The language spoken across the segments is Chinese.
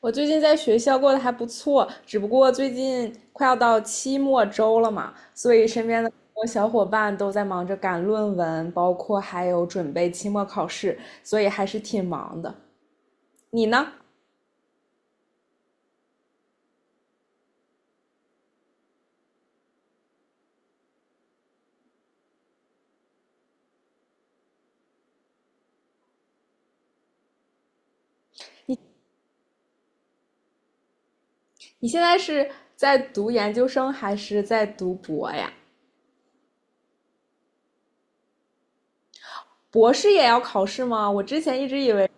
我最近在学校过得还不错，只不过最近快要到期末周了嘛，所以身边的小伙伴都在忙着赶论文，包括还有准备期末考试，所以还是挺忙的。你呢？你现在是在读研究生还是在读博呀？博士也要考试吗？我之前一直以为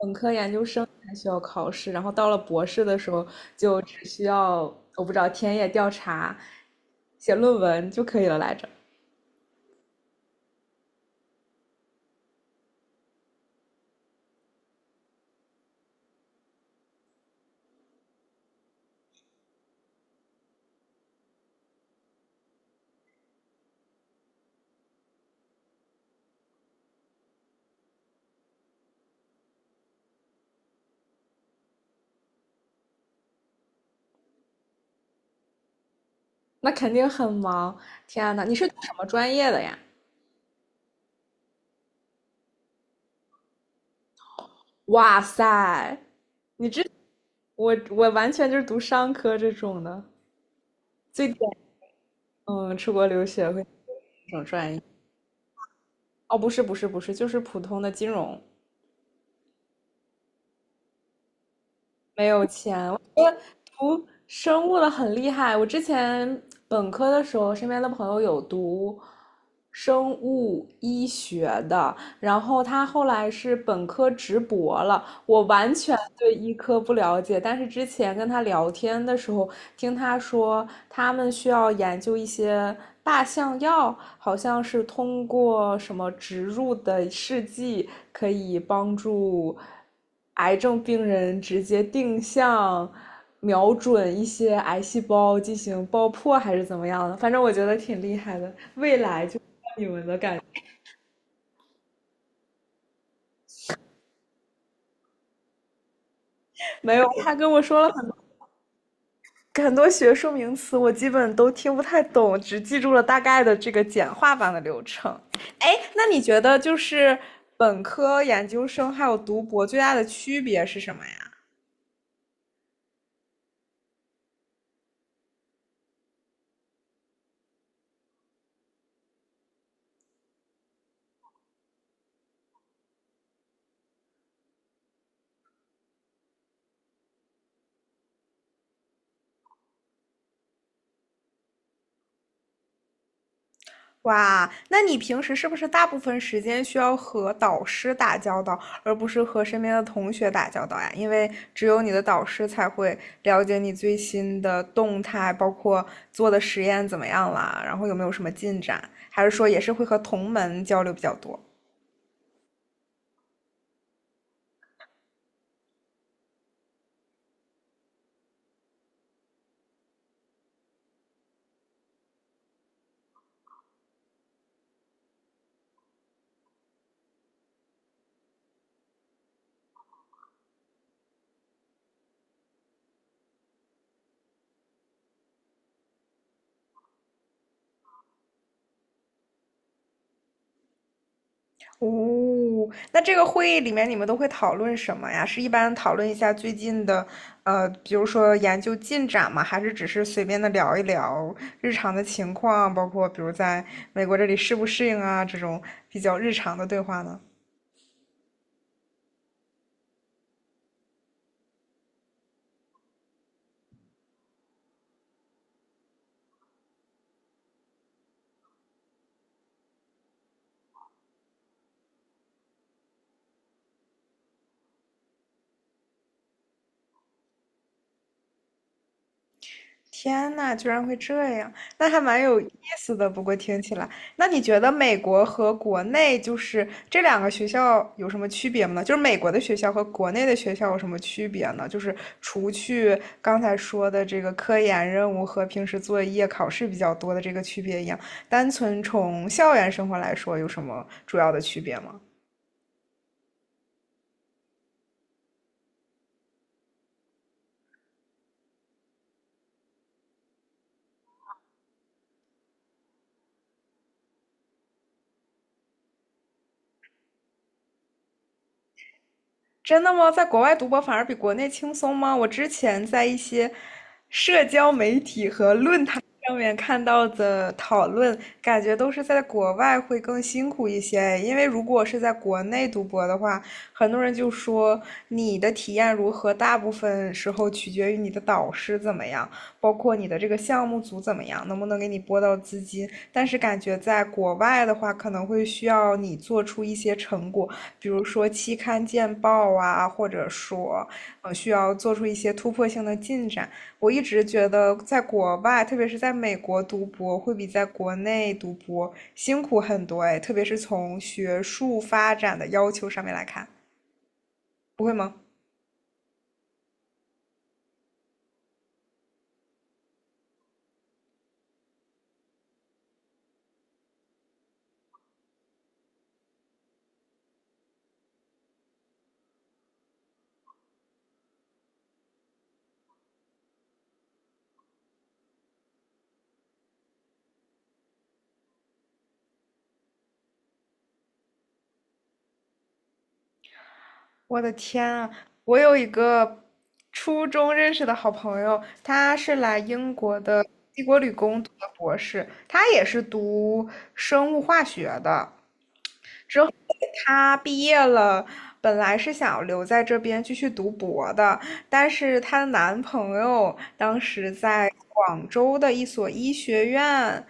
本科、研究生才需要考试，然后到了博士的时候就只需要，我不知道田野调查、写论文就可以了来着。那肯定很忙。天呐，你是读什么专业的呀？哇塞，我完全就是读商科这种的。最嗯，出国留学会这种专业？哦，不是不是不是，就是普通的金融，没有钱。我觉得读生物的很厉害。我之前本科的时候，身边的朋友有读生物医学的，然后他后来是本科直博了，我完全对医科不了解，但是之前跟他聊天的时候，听他说他们需要研究一些靶向药，好像是通过什么植入的试剂可以帮助癌症病人直接定向瞄准一些癌细胞进行爆破，还是怎么样的？反正我觉得挺厉害的，未来就。你们的感觉没有，他跟我说了很多学术名词我基本都听不太懂，只记住了大概的这个简化版的流程。哎，那你觉得就是本科、研究生还有读博最大的区别是什么呀？哇，那你平时是不是大部分时间需要和导师打交道，而不是和身边的同学打交道呀？因为只有你的导师才会了解你最新的动态，包括做的实验怎么样啦，然后有没有什么进展，还是说也是会和同门交流比较多？哦，那这个会议里面你们都会讨论什么呀？是一般讨论一下最近的，比如说研究进展吗？还是只是随便的聊一聊日常的情况，包括比如在美国这里适不适应啊，这种比较日常的对话呢？天呐，居然会这样，那还蛮有意思的。不过听起来，那你觉得美国和国内就是这两个学校有什么区别吗？就是美国的学校和国内的学校有什么区别呢？就是除去刚才说的这个科研任务和平时作业、考试比较多的这个区别一样，单纯从校园生活来说，有什么主要的区别吗？真的吗？在国外读博反而比国内轻松吗？我之前在一些社交媒体和论坛上面看到的讨论，感觉都是在国外会更辛苦一些。因为如果是在国内读博的话，很多人就说你的体验如何，大部分时候取决于你的导师怎么样，包括你的这个项目组怎么样，能不能给你拨到资金。但是感觉在国外的话，可能会需要你做出一些成果，比如说期刊见报啊，或者说，需要做出一些突破性的进展。我一直觉得，在国外，特别是在美国读博，会比在国内读博辛苦很多哎，特别是从学术发展的要求上面来看，不会吗？我的天啊，我有一个初中认识的好朋友，他是来英国的帝国理工读的博士，他也是读生物化学的。她毕业了，本来是想留在这边继续读博的，但是她的男朋友当时在广州的一所医学院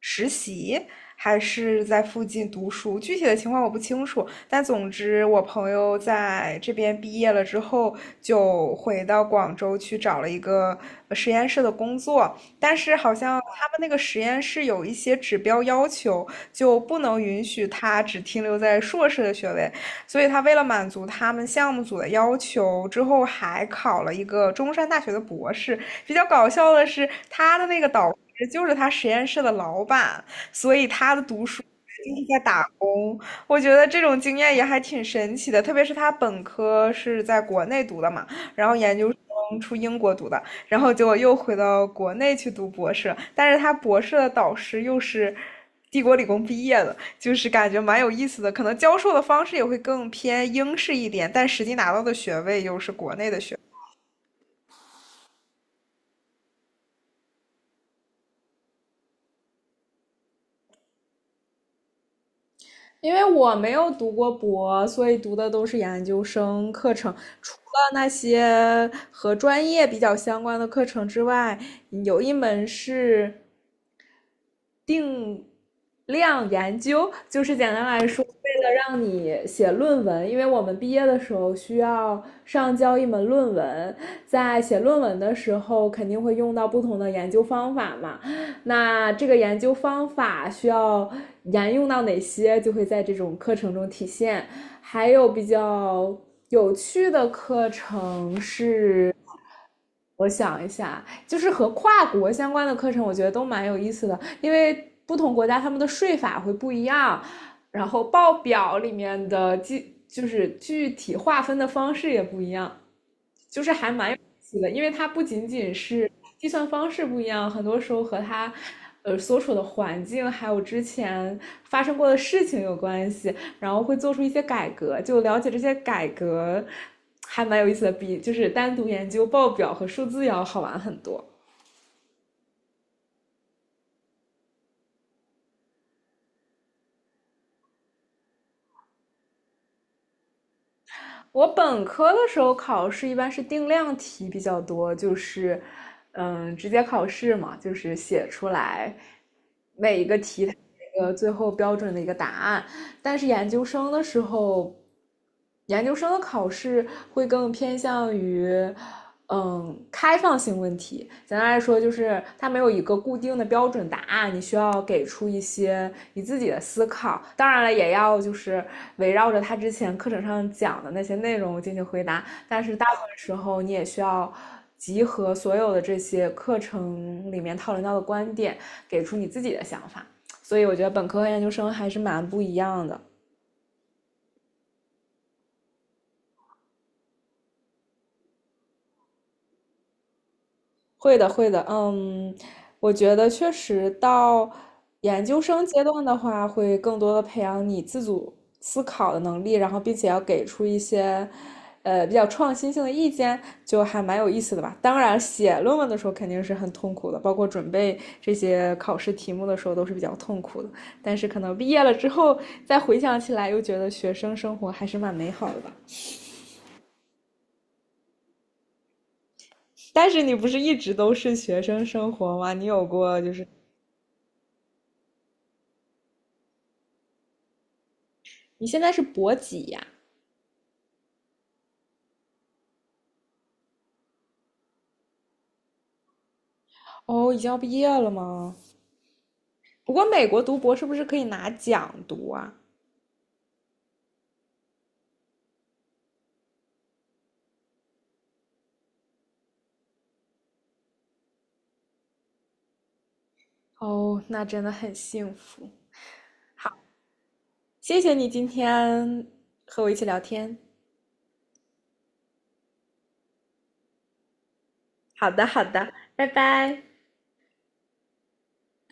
实习，还是在附近读书，具体的情况我不清楚。但总之，我朋友在这边毕业了之后，就回到广州去找了一个实验室的工作。但是好像他们那个实验室有一些指标要求，就不能允许他只停留在硕士的学位，所以他为了满足他们项目组的要求，之后还考了一个中山大学的博士。比较搞笑的是，他的那个导师就是他实验室的老板，所以他的读书。就是在打工，我觉得这种经验也还挺神奇的，特别是他本科是在国内读的嘛，然后研究生出英国读的，然后结果又回到国内去读博士，但是他博士的导师又是帝国理工毕业的，就是感觉蛮有意思的。可能教授的方式也会更偏英式一点，但实际拿到的学位又是国内的学位。因为我没有读过博，所以读的都是研究生课程。除了那些和专业比较相关的课程之外，有一门是定量研究，就是简单来说，为了让你写论文，因为我们毕业的时候需要上交一门论文，在写论文的时候肯定会用到不同的研究方法嘛。那这个研究方法需要沿用到哪些，就会在这种课程中体现。还有比较有趣的课程是，我想一下，就是和跨国相关的课程，我觉得都蛮有意思的，因为不同国家他们的税法会不一样，然后报表里面的具就是具体划分的方式也不一样。就是还蛮有意思的，因为它不仅仅是计算方式不一样，很多时候和它所处的环境还有之前发生过的事情有关系，然后会做出一些改革，就了解这些改革还蛮有意思的，比就是单独研究报表和数字要好玩很多。我本科的时候考试一般是定量题比较多，就是，嗯，直接考试嘛，就是写出来个最后标准的一个答案。但是研究生的时候研究生的考试会更偏向于，嗯，开放性问题。简单来说，就是它没有一个固定的标准答案，你需要给出一些你自己的思考。当然了，也要就是围绕着他之前课程上讲的那些内容进行回答。但是大部分时候，你也需要集合所有的这些课程里面讨论到的观点，给出你自己的想法。所以我觉得本科和研究生还是蛮不一样的。会的，会的，嗯，我觉得确实到研究生阶段的话，会更多的培养你自主思考的能力，然后并且要给出一些，比较创新性的意见，就还蛮有意思的吧。当然，写论文的时候肯定是很痛苦的，包括准备这些考试题目的时候都是比较痛苦的。但是可能毕业了之后，再回想起来，又觉得学生生活还是蛮美好的吧。但是你不是一直都是学生生活吗？你有过就是你现在是博几呀？哦，已经要毕业了吗？不过美国读博是不是可以拿奖读啊？哦，那真的很幸福。谢谢你今天和我一起聊天。好的，好的，拜拜。